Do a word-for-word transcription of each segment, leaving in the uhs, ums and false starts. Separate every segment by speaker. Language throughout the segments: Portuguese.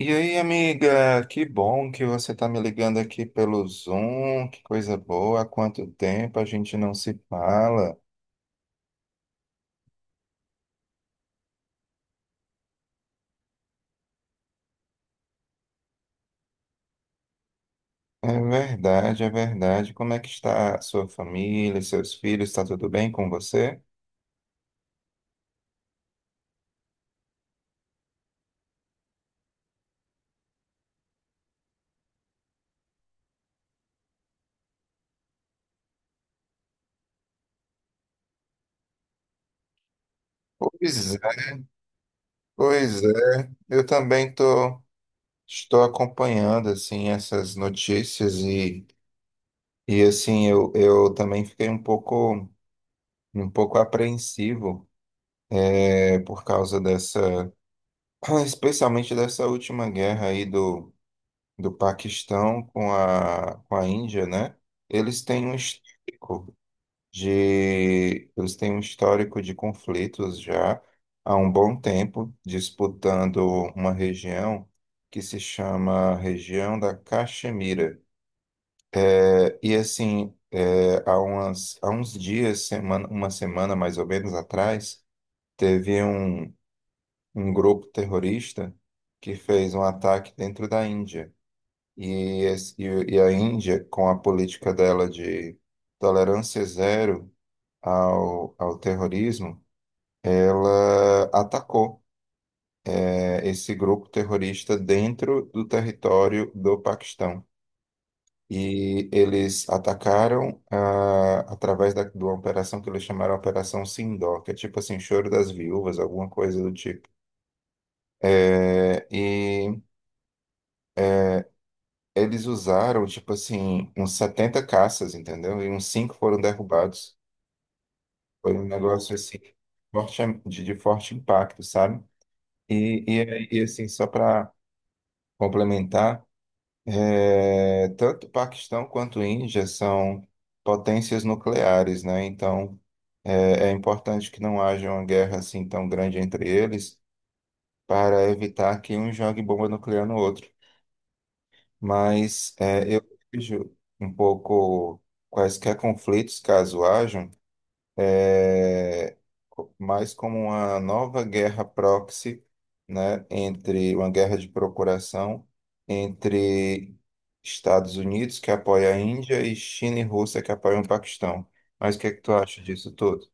Speaker 1: E aí, amiga, que bom que você está me ligando aqui pelo Zoom, que coisa boa, há quanto tempo a gente não se fala. É verdade, é verdade. Como é que está a sua família, seus filhos, está tudo bem com você? Pois é, pois é. Eu também tô, estou acompanhando, assim, essas notícias e, e assim, eu, eu também fiquei um pouco, um pouco apreensivo, é, por causa dessa, especialmente dessa última guerra aí do do Paquistão com a, com a Índia, né? Eles têm um histórico de, eles têm um histórico de conflitos já há um bom tempo, disputando uma região que se chama região da Caxemira. É, E assim, é, há umas, há uns dias, semana, uma semana mais ou menos atrás, teve um, um grupo terrorista que fez um ataque dentro da Índia. E, es- e, e a Índia, com a política dela de tolerância zero ao, ao terrorismo, ela atacou eh, esse grupo terrorista dentro do território do Paquistão. E eles atacaram ah, através da, de uma operação que eles chamaram Operação Sindor, que é tipo assim, Choro das Viúvas, alguma coisa do tipo. Eh, e eles usaram, tipo assim, uns setenta caças, entendeu? E uns cinco foram derrubados. Foi um negócio assim, forte, de, de forte impacto, sabe? E, e, aí, e, assim, só para complementar, é, tanto Paquistão quanto Índia são potências nucleares, né? Então, é, é importante que não haja uma guerra assim tão grande entre eles para evitar que um jogue bomba nuclear no outro. Mas é, eu vejo um pouco quaisquer conflitos, caso hajam. é, co- mais como uma nova guerra proxy, né, entre uma guerra de procuração entre Estados Unidos, que apoia a Índia, e China e Rússia, que apoiam o Paquistão. Mas o que é que tu acha disso tudo?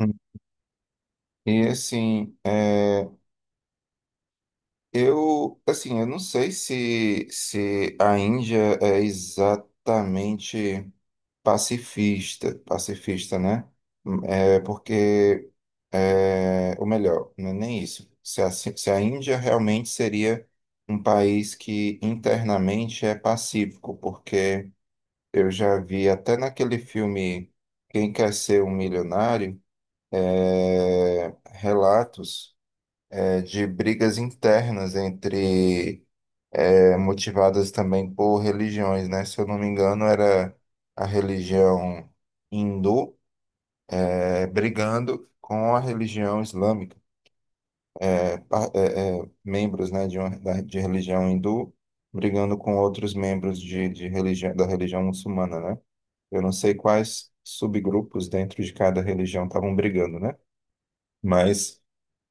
Speaker 1: Hum. E assim, é, eu, assim, eu não sei se, se a Índia é exatamente pacifista, pacifista, né? É porque, é, ou melhor, não é nem isso. Se a, se a Índia realmente seria um país que internamente é pacífico, porque eu já vi até naquele filme Quem Quer Ser um Milionário, é, relatos, é, de brigas internas entre, é, motivadas também por religiões, né? Se eu não me engano, era a religião hindu é, brigando com a religião islâmica, é, pa- é, é, membros, né, de, uma, da- de religião hindu brigando com outros membros de, de religião, da religião muçulmana, né? Eu não sei quais subgrupos dentro de cada religião estavam brigando, né? Mas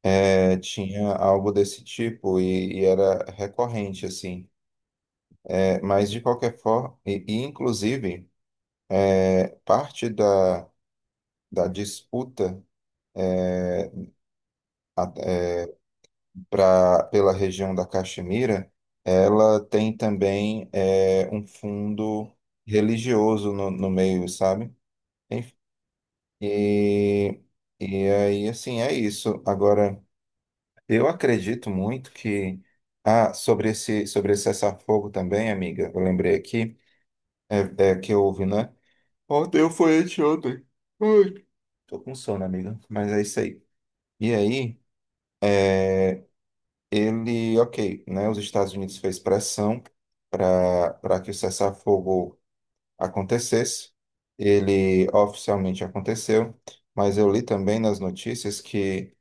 Speaker 1: é, tinha algo desse tipo e, e era recorrente, assim. É, mas, de qualquer forma, e, e, inclusive, é, parte da, da disputa é, pra, pela região da Caxemira, ela tem também é, um fundo religioso no, no meio, sabe? Enfim, E, e aí, assim, é isso. Agora, eu acredito muito que. Ah, sobre esse, sobre esse cessar-fogo também, amiga, eu lembrei aqui, é, é, que houve, né? Ontem foi anteontem. Ai, tô com sono, amiga, mas é isso aí. E aí. Ele, ok, né, os Estados Unidos fez pressão para para que o cessar-fogo acontecesse. Ele oficialmente aconteceu, mas eu li também nas notícias que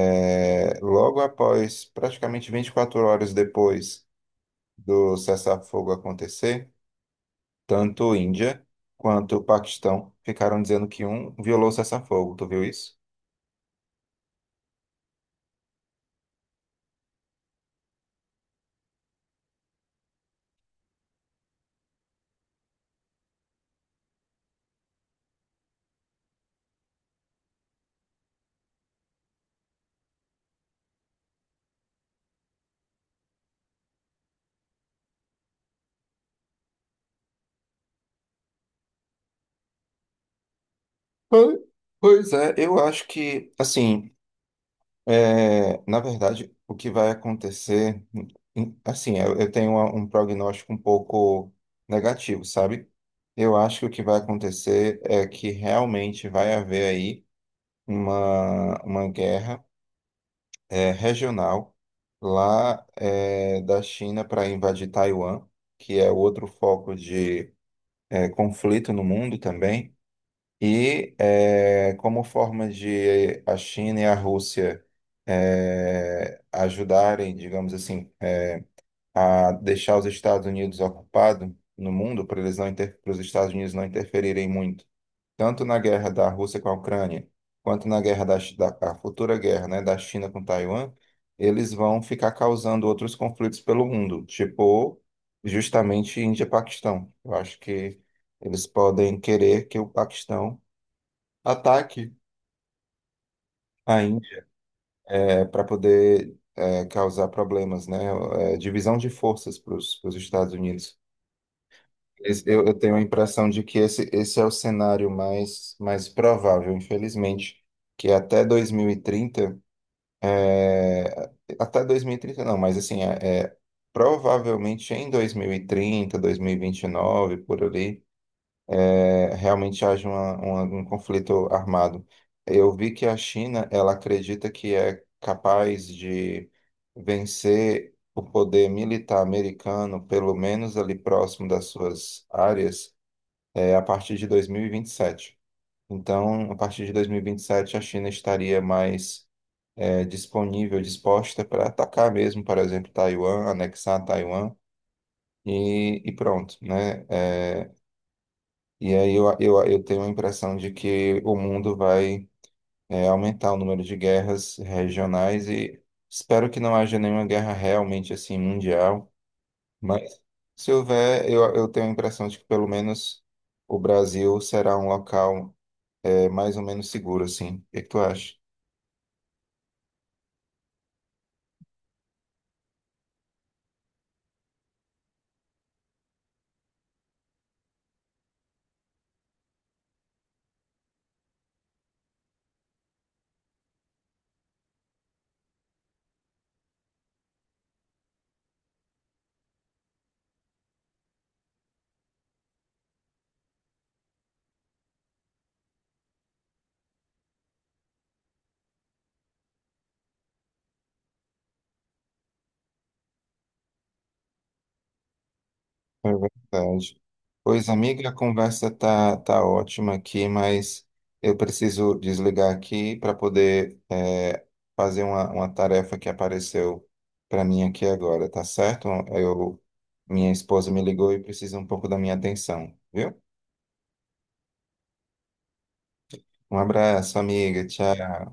Speaker 1: eh, logo após, praticamente vinte e quatro horas depois do cessar-fogo acontecer, tanto Índia quanto o Paquistão ficaram dizendo que um violou o cessar-fogo. Tu viu isso? Pois pois é, eu acho que, assim, É, na verdade, o que vai acontecer, em- assim, eu, eu tenho uma- um prognóstico um pouco negativo, sabe? Eu acho que o que vai acontecer é que realmente vai haver aí uma, uma guerra, é, regional lá, é, da China para invadir Taiwan, que é outro foco de, é, conflito no mundo também. E eh, como forma de a China e a Rússia eh, ajudarem, digamos assim, eh, a deixar os Estados Unidos ocupados no mundo, para eles não inter... para os Estados Unidos não interferirem muito, tanto na guerra da Rússia com a Ucrânia, quanto na guerra da, Chi- da a futura guerra, né, da China com Taiwan, eles vão ficar causando outros conflitos pelo mundo, tipo justamente Índia e Paquistão. Eu acho que eles podem querer que o Paquistão ataque à Índia para poder é, causar problemas, né? É, divisão de forças para os Estados Unidos. Esse- Eu, eu tenho a impressão de que esse, esse é o cenário mais, mais provável, infelizmente, que até dois mil e trinta, é, até dois mil e trinta não, mas assim, é, é, provavelmente em dois mil e trinta, dois mil e vinte e nove, por ali, É, realmente haja uma- uma- um conflito armado. Eu vi que a China, ela acredita que é capaz de vencer o poder militar americano, pelo menos ali próximo das suas áreas, eh, a partir de dois mil e e vinte e sete. Então, a partir de dois mil e e vinte e sete a China estaria mais eh, disponível, disposta para atacar mesmo, por exemplo, Taiwan, anexar Taiwan e, e pronto, né? É, e aí eu, eu, eu tenho a impressão de que o mundo vai é, aumentar o número de guerras regionais e espero que não haja nenhuma guerra realmente assim mundial, mas se houver, eu, eu tenho a impressão de que pelo menos o Brasil será um local é, mais ou menos seguro, assim. O que que tu acha? É verdade. Pois, amiga, a conversa tá, tá ótima aqui, mas eu preciso desligar aqui para poder é, fazer uma, uma tarefa que apareceu para mim aqui agora, tá certo? Eu, minha esposa me ligou e precisa um pouco da minha atenção, viu? Um abraço, amiga. Tchau.